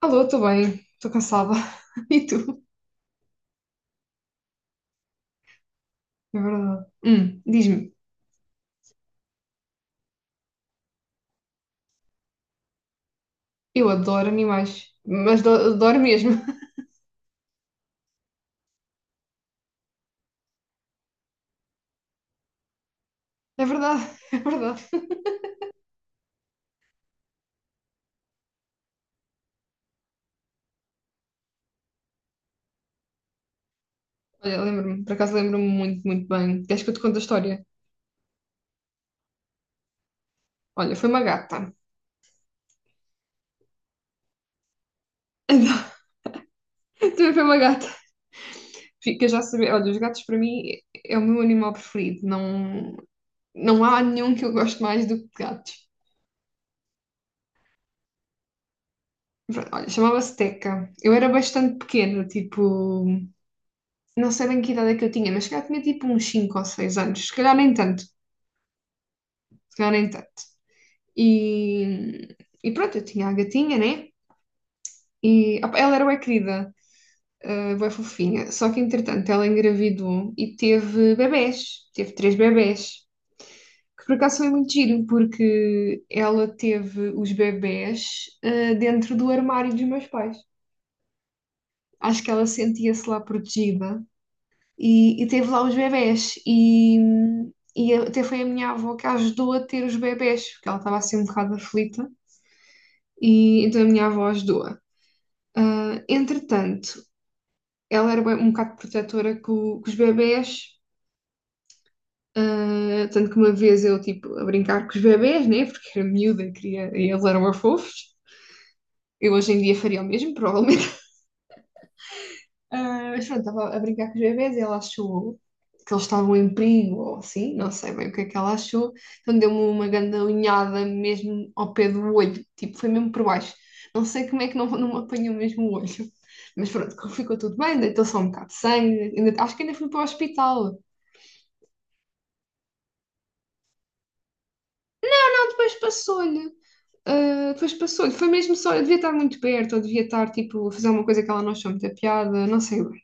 Alô, estou bem, estou cansada. E tu? É verdade. Diz-me, eu adoro animais, mas adoro mesmo. É verdade, é verdade. Olha, lembro-me, por acaso lembro-me muito, muito bem. Queres que eu te conte a história? Olha, foi uma gata. Então, também foi uma gata. Fica já a saber. Olha, os gatos para mim é o meu animal preferido. Não, não há nenhum que eu goste mais do que gatos. Pronto, olha, chamava-se Teca. Eu era bastante pequena, tipo, não sei bem que idade é que eu tinha, mas se calhar tinha tipo uns 5 ou 6 anos, se calhar nem tanto. Se calhar nem tanto. E, e pronto, eu tinha a gatinha, né? E opa, ela era bem querida, bem fofinha. Só que entretanto ela engravidou e teve bebés, teve três bebés. Que por acaso foi muito giro, porque ela teve os bebés dentro do armário dos meus pais. Acho que ela sentia-se lá protegida e teve lá os bebés. E até foi a minha avó que a ajudou a ter os bebés, porque ela estava assim um bocado aflita. E então a minha avó ajudou-a. Ah, entretanto, ela era um bocado protetora com os bebés, tanto que uma vez eu, tipo, a brincar com os bebés, né? Porque era miúda, queria, e eles eram fofos. Eu hoje em dia faria o mesmo, provavelmente. Ah, mas pronto, estava a brincar com os bebés e ela achou que eles estavam em perigo ou assim, não sei bem o que é que ela achou. Então deu-me uma grande unhada mesmo ao pé do olho, tipo, foi mesmo por baixo. Não sei como é que não, não me apanhou mesmo o olho. Mas pronto, ficou tudo bem, deitou só um bocado de sangue, ainda, acho que ainda fui para o hospital. Ah, depois passou-lhe. Ah, depois passou-lhe. Foi mesmo só, eu devia estar muito perto, ou devia estar, tipo, a fazer uma coisa que ela não achou muita piada, não sei bem.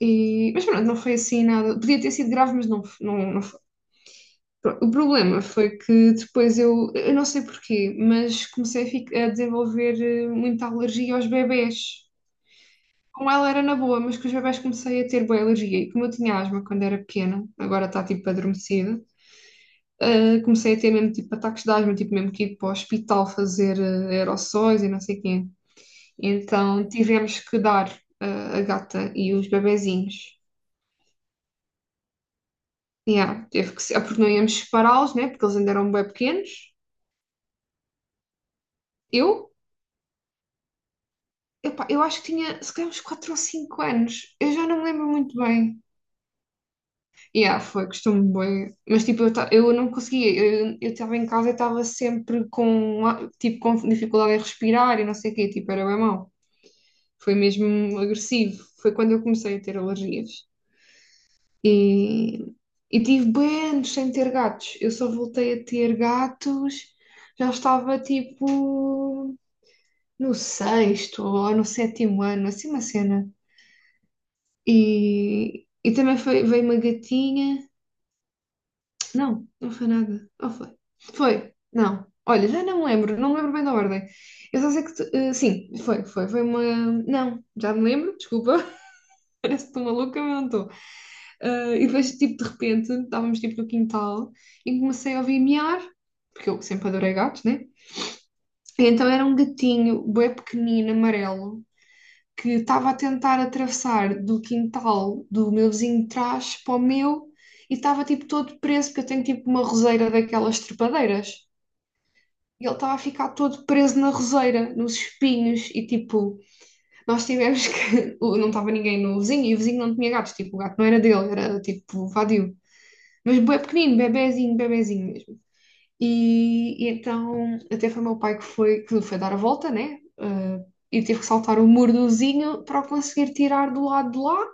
E, mas pronto, não foi assim nada. Podia ter sido grave, mas não, não, não. Pronto, o problema foi que depois eu não sei porquê, mas comecei a desenvolver muita alergia aos bebés. Com ela era na boa, mas com os bebés comecei a ter boa alergia. E como eu tinha asma quando era pequena, agora está tipo adormecida, comecei a ter mesmo tipo ataques de asma, tipo mesmo que ir para o hospital fazer aerossóis e não sei quê. Então tivemos que dar eh, a gata e os bebezinhos. Yeah, teve que ser, porque não íamos separá-los, né? Porque eles ainda eram bem pequenos. Eu, Epá, eu acho que tinha se calhar uns 4 ou cinco anos. Eu já não me lembro muito bem. E ah, foi, gostou-me bem. Mas tipo, eu, eu não conseguia. Eu estava em casa e estava sempre com dificuldade em respirar e não sei o quê. Tipo, era bem mau. Foi mesmo agressivo. Foi quando eu comecei a ter alergias. E, e tive bem anos sem ter gatos. Eu só voltei a ter gatos. Já estava tipo no sexto ou no sétimo ano, assim uma cena. E também foi, veio uma gatinha. Não, não foi nada. Ou foi? Foi, não. Olha, já não me lembro, não me lembro bem da ordem. Eu só sei que, sim, foi. Foi uma. Não, já me lembro, desculpa. Parece que estou maluca, mas não estou. Eh, e depois, tipo, de repente, estávamos tipo no quintal e comecei a ouvir miar, porque eu sempre adorei gatos, né? E então era um gatinho, bué pequenino, amarelo. Que estava a tentar atravessar do quintal do meu vizinho de trás para o meu e estava tipo todo preso, porque eu tenho tipo uma roseira daquelas trepadeiras. E ele estava a ficar todo preso na roseira, nos espinhos, e tipo, nós tivemos que. Não estava ninguém no vizinho, e o vizinho não tinha gatos, tipo, o gato não era dele, era tipo vadio. Mas bué pequenino, bebezinho, bebezinho mesmo. E então até foi o meu pai que foi, dar a volta, né? Ah, e teve que saltar o mordozinho para o conseguir tirar do lado de lá.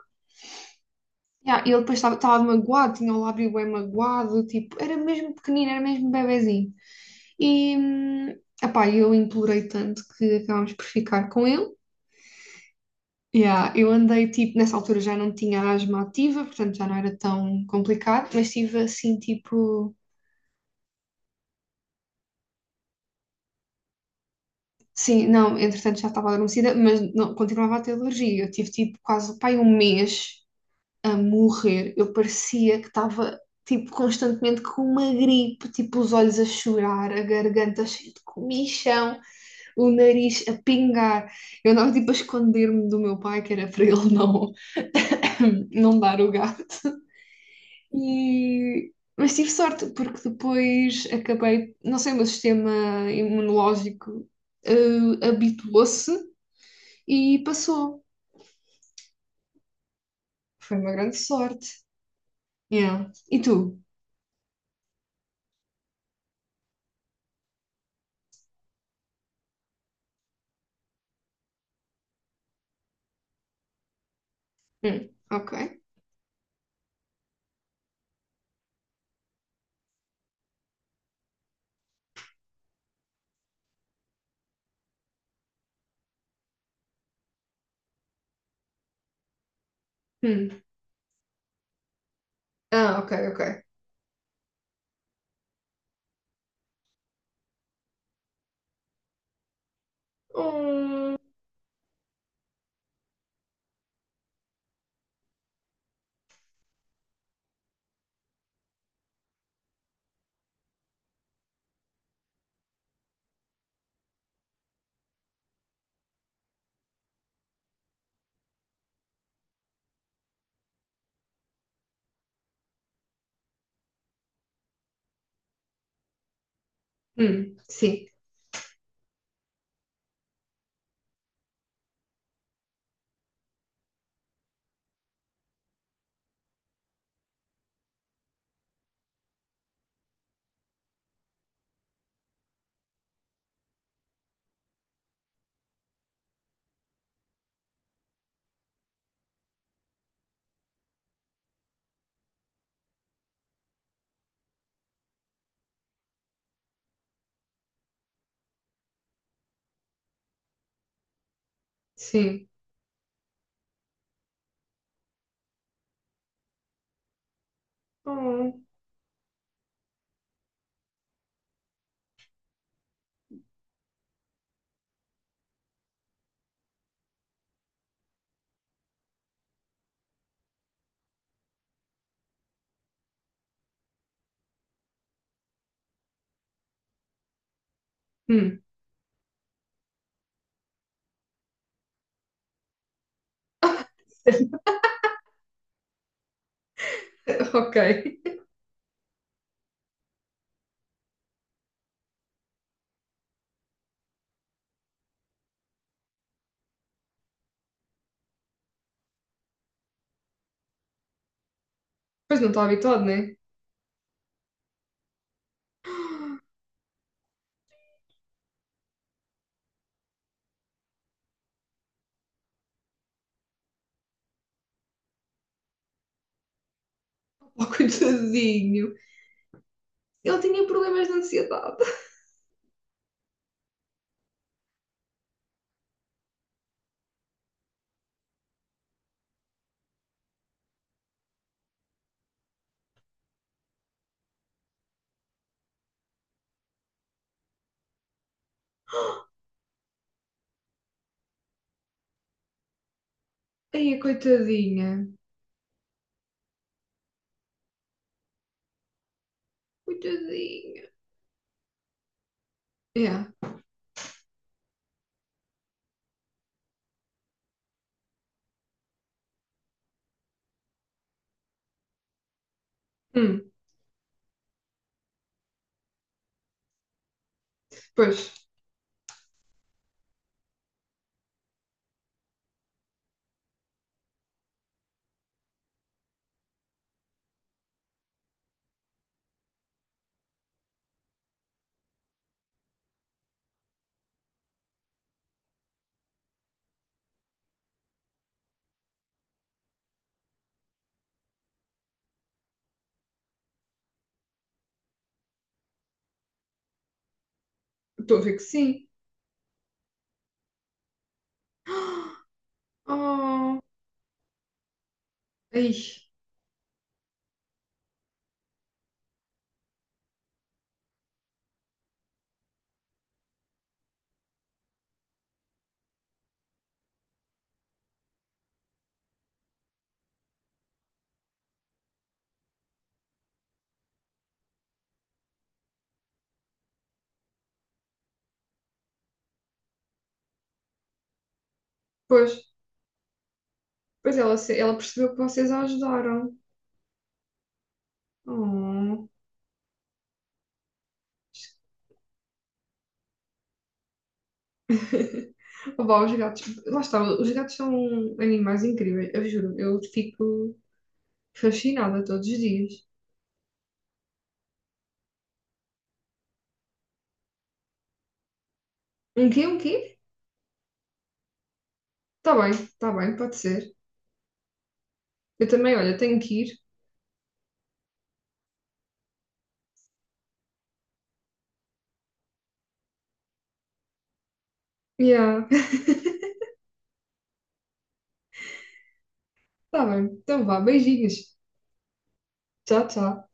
Ya, e ah, ele depois estava magoado, tinha o lábio bem magoado, tipo, era mesmo pequenino, era mesmo bebezinho. E, epá, eu implorei tanto que acabámos por ficar com ele. Ya, eu andei, tipo, nessa altura já não tinha asma ativa, portanto já não era tão complicado, mas tive assim, tipo, sim, não, entretanto já estava adormecida, mas não, continuava a ter alergia. Eu tive tipo quase pai, um mês a morrer. Eu parecia que estava tipo constantemente com uma gripe, tipo os olhos a chorar, a garganta cheia de comichão, o nariz a pingar. Eu andava tipo a esconder-me do meu pai, que era para ele não, não dar o gato. E, mas tive sorte, porque depois acabei, não sei, o meu sistema imunológico habituou-se e passou. Foi uma grande sorte. Yeah. E tu? Ok. Hum. Ah, ok, ok. Hum, sim, sim. Hum, hum. Ok. Pois não está habituado, né? Oh, coitadinho. Ele tinha problemas de ansiedade. Ai, coitadinha. Coitadinha. Yeah. Hum. Pois, estou a ver que sim. Oh. Ai, pois. Pois ela percebeu que vocês a ajudaram. Oh. Opa, os gatos, lá está, os gatos são animais incríveis, eu juro, eu fico fascinada todos os dias. Um quê? Um quê? Tá bem, tá bem, pode ser. Eu também, olha, tenho que ir. Yeah. Tá bem, então vá, beijinhos. Tchau, tchau.